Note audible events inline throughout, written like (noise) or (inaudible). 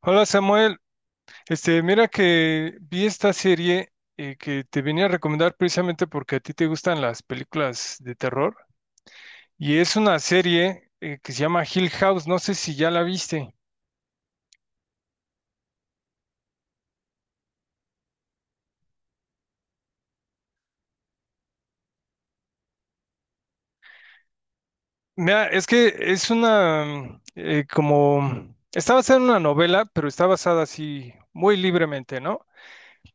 Hola, Samuel. Mira que vi esta serie, que te venía a recomendar precisamente porque a ti te gustan las películas de terror. Y es una serie que se llama Hill House. No sé si ya la viste. Mira, es que es como está basada en una novela, pero está basada así muy libremente, ¿no?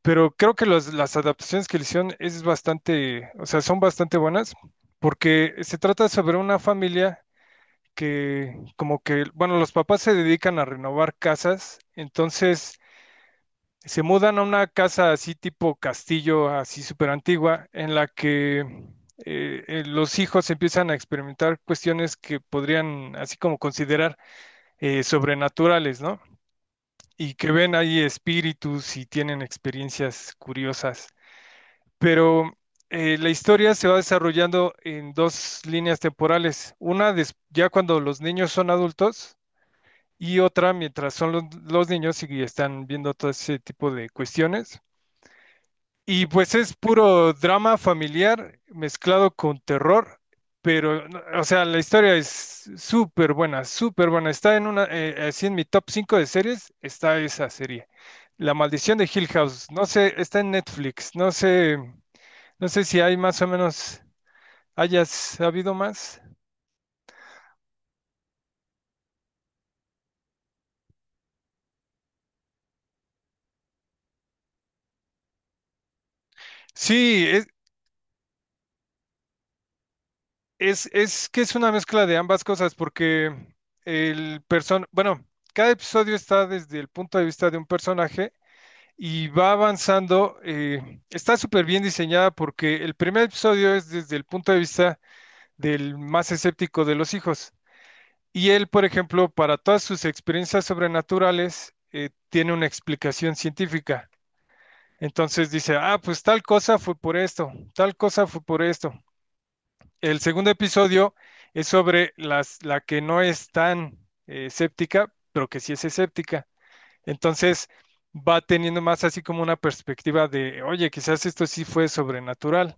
Pero creo que las adaptaciones que le hicieron es bastante, o sea, son bastante buenas, porque se trata sobre una familia que, como que, bueno, los papás se dedican a renovar casas. Entonces se mudan a una casa así tipo castillo, así súper antigua, en la que los hijos empiezan a experimentar cuestiones que podrían así como considerar sobrenaturales, ¿no? Y que ven ahí espíritus y tienen experiencias curiosas. Pero la historia se va desarrollando en dos líneas temporales. Una, ya cuando los niños son adultos, y otra mientras son los niños y están viendo todo ese tipo de cuestiones. Y pues es puro drama familiar mezclado con terror, pero, no, o sea, la historia es súper buena, súper buena. Está en así en mi top 5 de series, está esa serie. La maldición de Hill House, no sé, está en Netflix, no sé, si hay más o menos, hayas habido más. Sí. Es que es una mezcla de ambas cosas, porque bueno, cada episodio está desde el punto de vista de un personaje y va avanzando. Está súper bien diseñada porque el primer episodio es desde el punto de vista del más escéptico de los hijos. Y él, por ejemplo, para todas sus experiencias sobrenaturales, tiene una explicación científica. Entonces dice, ah, pues tal cosa fue por esto, tal cosa fue por esto. El segundo episodio es sobre la que no es tan séptica, pero que sí es escéptica. Entonces va teniendo más así como una perspectiva de, oye, quizás esto sí fue sobrenatural.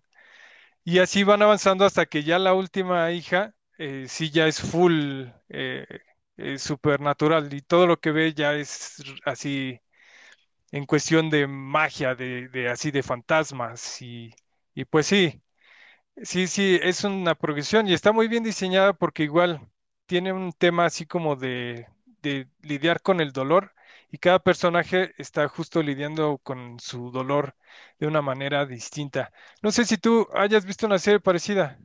Y así van avanzando hasta que ya la última hija sí ya es full supernatural, y todo lo que ve ya es así en cuestión de magia, de así de fantasmas. Y y pues sí. Sí, sí, es una progresión y está muy bien diseñada porque igual tiene un tema así como de lidiar con el dolor, y cada personaje está justo lidiando con su dolor de una manera distinta. No sé si tú hayas visto una serie parecida.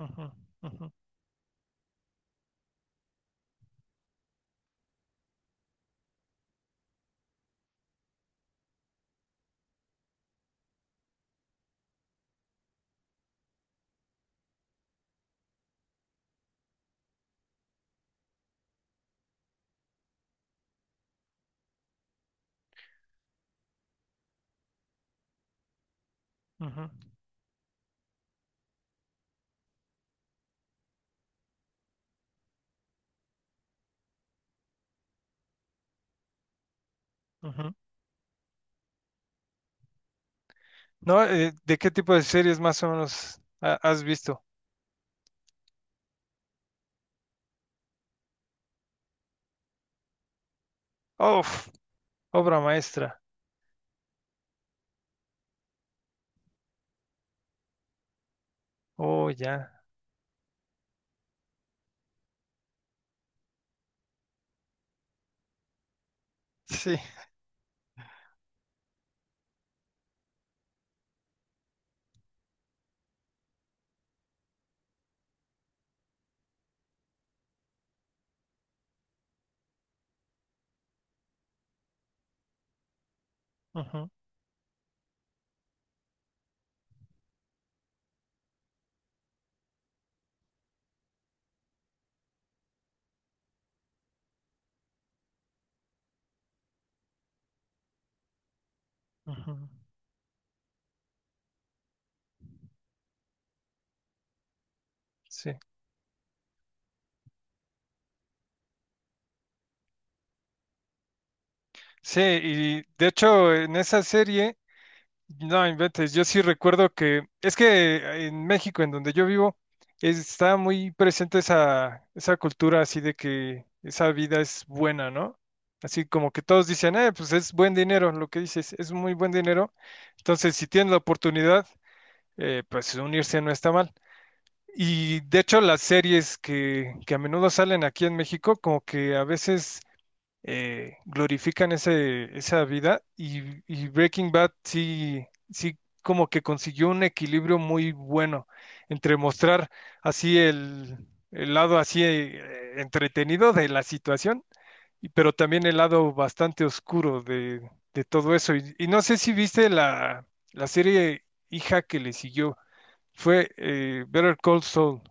Ujú, ujú, ujú, ujú. No, ¿de qué tipo de series más o menos has visto? Uf, obra maestra. Oh, ya. Sí. Ujú, ujú. Sí. Sí, y de hecho en esa serie. No inventes, yo sí recuerdo que es que en México, en donde yo vivo, está muy presente esa, esa cultura así de que esa vida es buena, ¿no? Así como que todos dicen, pues es buen dinero, lo que dices, es muy buen dinero. Entonces, si tienen la oportunidad, pues unirse no está mal. Y de hecho, las series que a menudo salen aquí en México, como que a veces glorifican esa vida, y Breaking Bad sí, sí, como que consiguió un equilibrio muy bueno entre mostrar así el lado así entretenido de la situación, y pero también el lado bastante oscuro de todo eso. Y no sé si viste la serie hija que le siguió, fue Better Call Saul.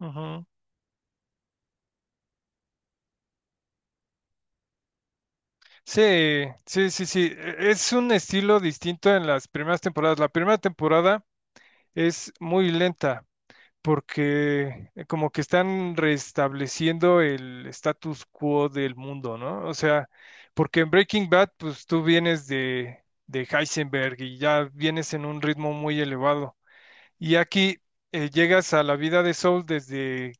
Ujú. Sí, sí, sí, sí. Es un estilo distinto en las primeras temporadas. La primera temporada es muy lenta porque como que están restableciendo el status quo del mundo, ¿no? O sea, porque en Breaking Bad, pues tú vienes de Heisenberg y ya vienes en un ritmo muy elevado. Y aquí llegas a la vida de Saul desde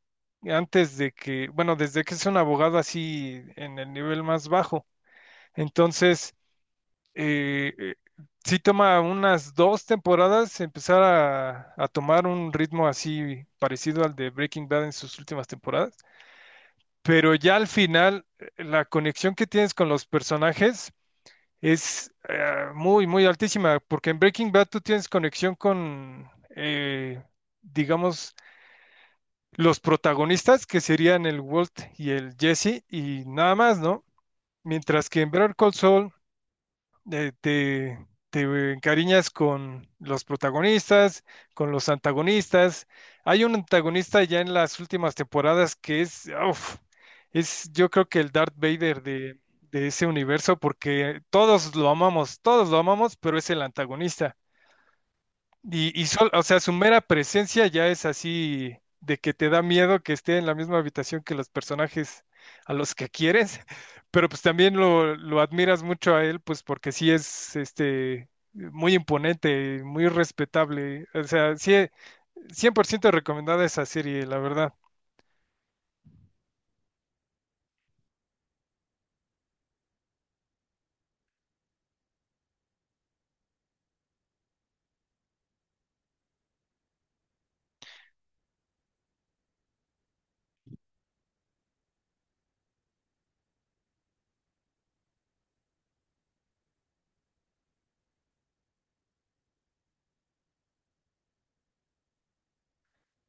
antes de que, bueno, desde que es un abogado así en el nivel más bajo. Entonces eh, eh, sí toma unas dos temporadas empezar a tomar un ritmo así parecido al de Breaking Bad en sus últimas temporadas, pero ya al final la conexión que tienes con los personajes es muy, muy altísima, porque en Breaking Bad tú tienes conexión con, eh, digamos, los protagonistas, que serían el Walt y el Jesse, y nada más, ¿no? Mientras que en Better Call Saul eh, te, te encariñas con los protagonistas, con los antagonistas. Hay un antagonista ya en las últimas temporadas que es, uf, es, yo creo, que el Darth Vader de ese universo, porque todos lo amamos, pero es el antagonista. Y o sea, su mera presencia ya es así, de que te da miedo que esté en la misma habitación que los personajes a los que quieres, (laughs) pero pues también lo admiras mucho a él, pues porque sí es este muy imponente, muy respetable. O sea, sí, 100% recomendada esa serie, la verdad.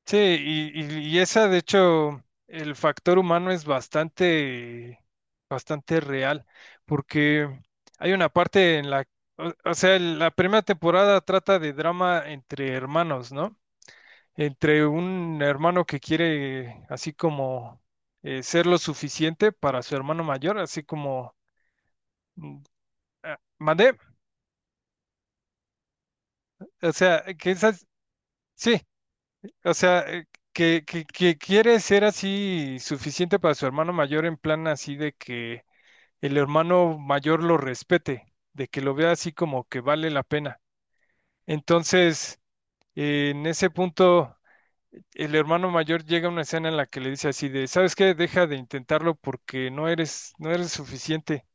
Sí, y esa, de hecho, el factor humano es bastante, bastante real, porque hay una parte o sea, la primera temporada trata de drama entre hermanos, ¿no? Entre un hermano que quiere así como ser lo suficiente para su hermano mayor, así como, mm, ¿mandé? O sea, que esas, sí. O sea, que quiere ser así suficiente para su hermano mayor en plan así de que el hermano mayor lo respete, de que lo vea así como que vale la pena. Entonces, en ese punto, el hermano mayor llega a una escena en la que le dice así de, ¿sabes qué? Deja de intentarlo porque no eres, no eres suficiente.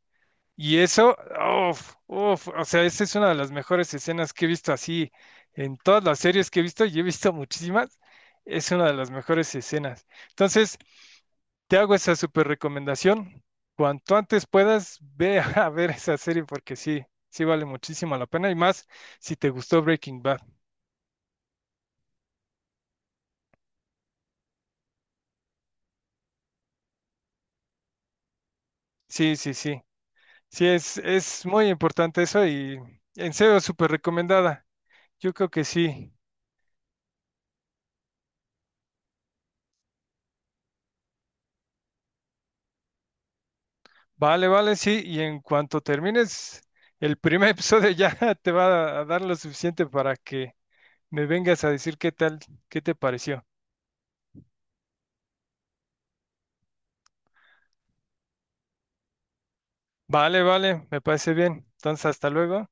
Y eso, uff, uff, o sea, esa es una de las mejores escenas que he visto así en todas las series que he visto, y he visto muchísimas, es una de las mejores escenas. Entonces, te hago esa súper recomendación. Cuanto antes puedas, ve (laughs) a ver esa serie porque sí, sí vale muchísimo la pena, y más si te gustó Breaking Bad. Sí, sí, sí. Sí, es muy importante eso y en serio, súper recomendada. Yo creo que sí. Vale, vale, sí, y en cuanto termines el primer episodio ya (laughs) te va a dar lo suficiente para que me vengas a decir qué tal, qué te pareció. Vale, vale, me parece bien. Entonces, hasta luego.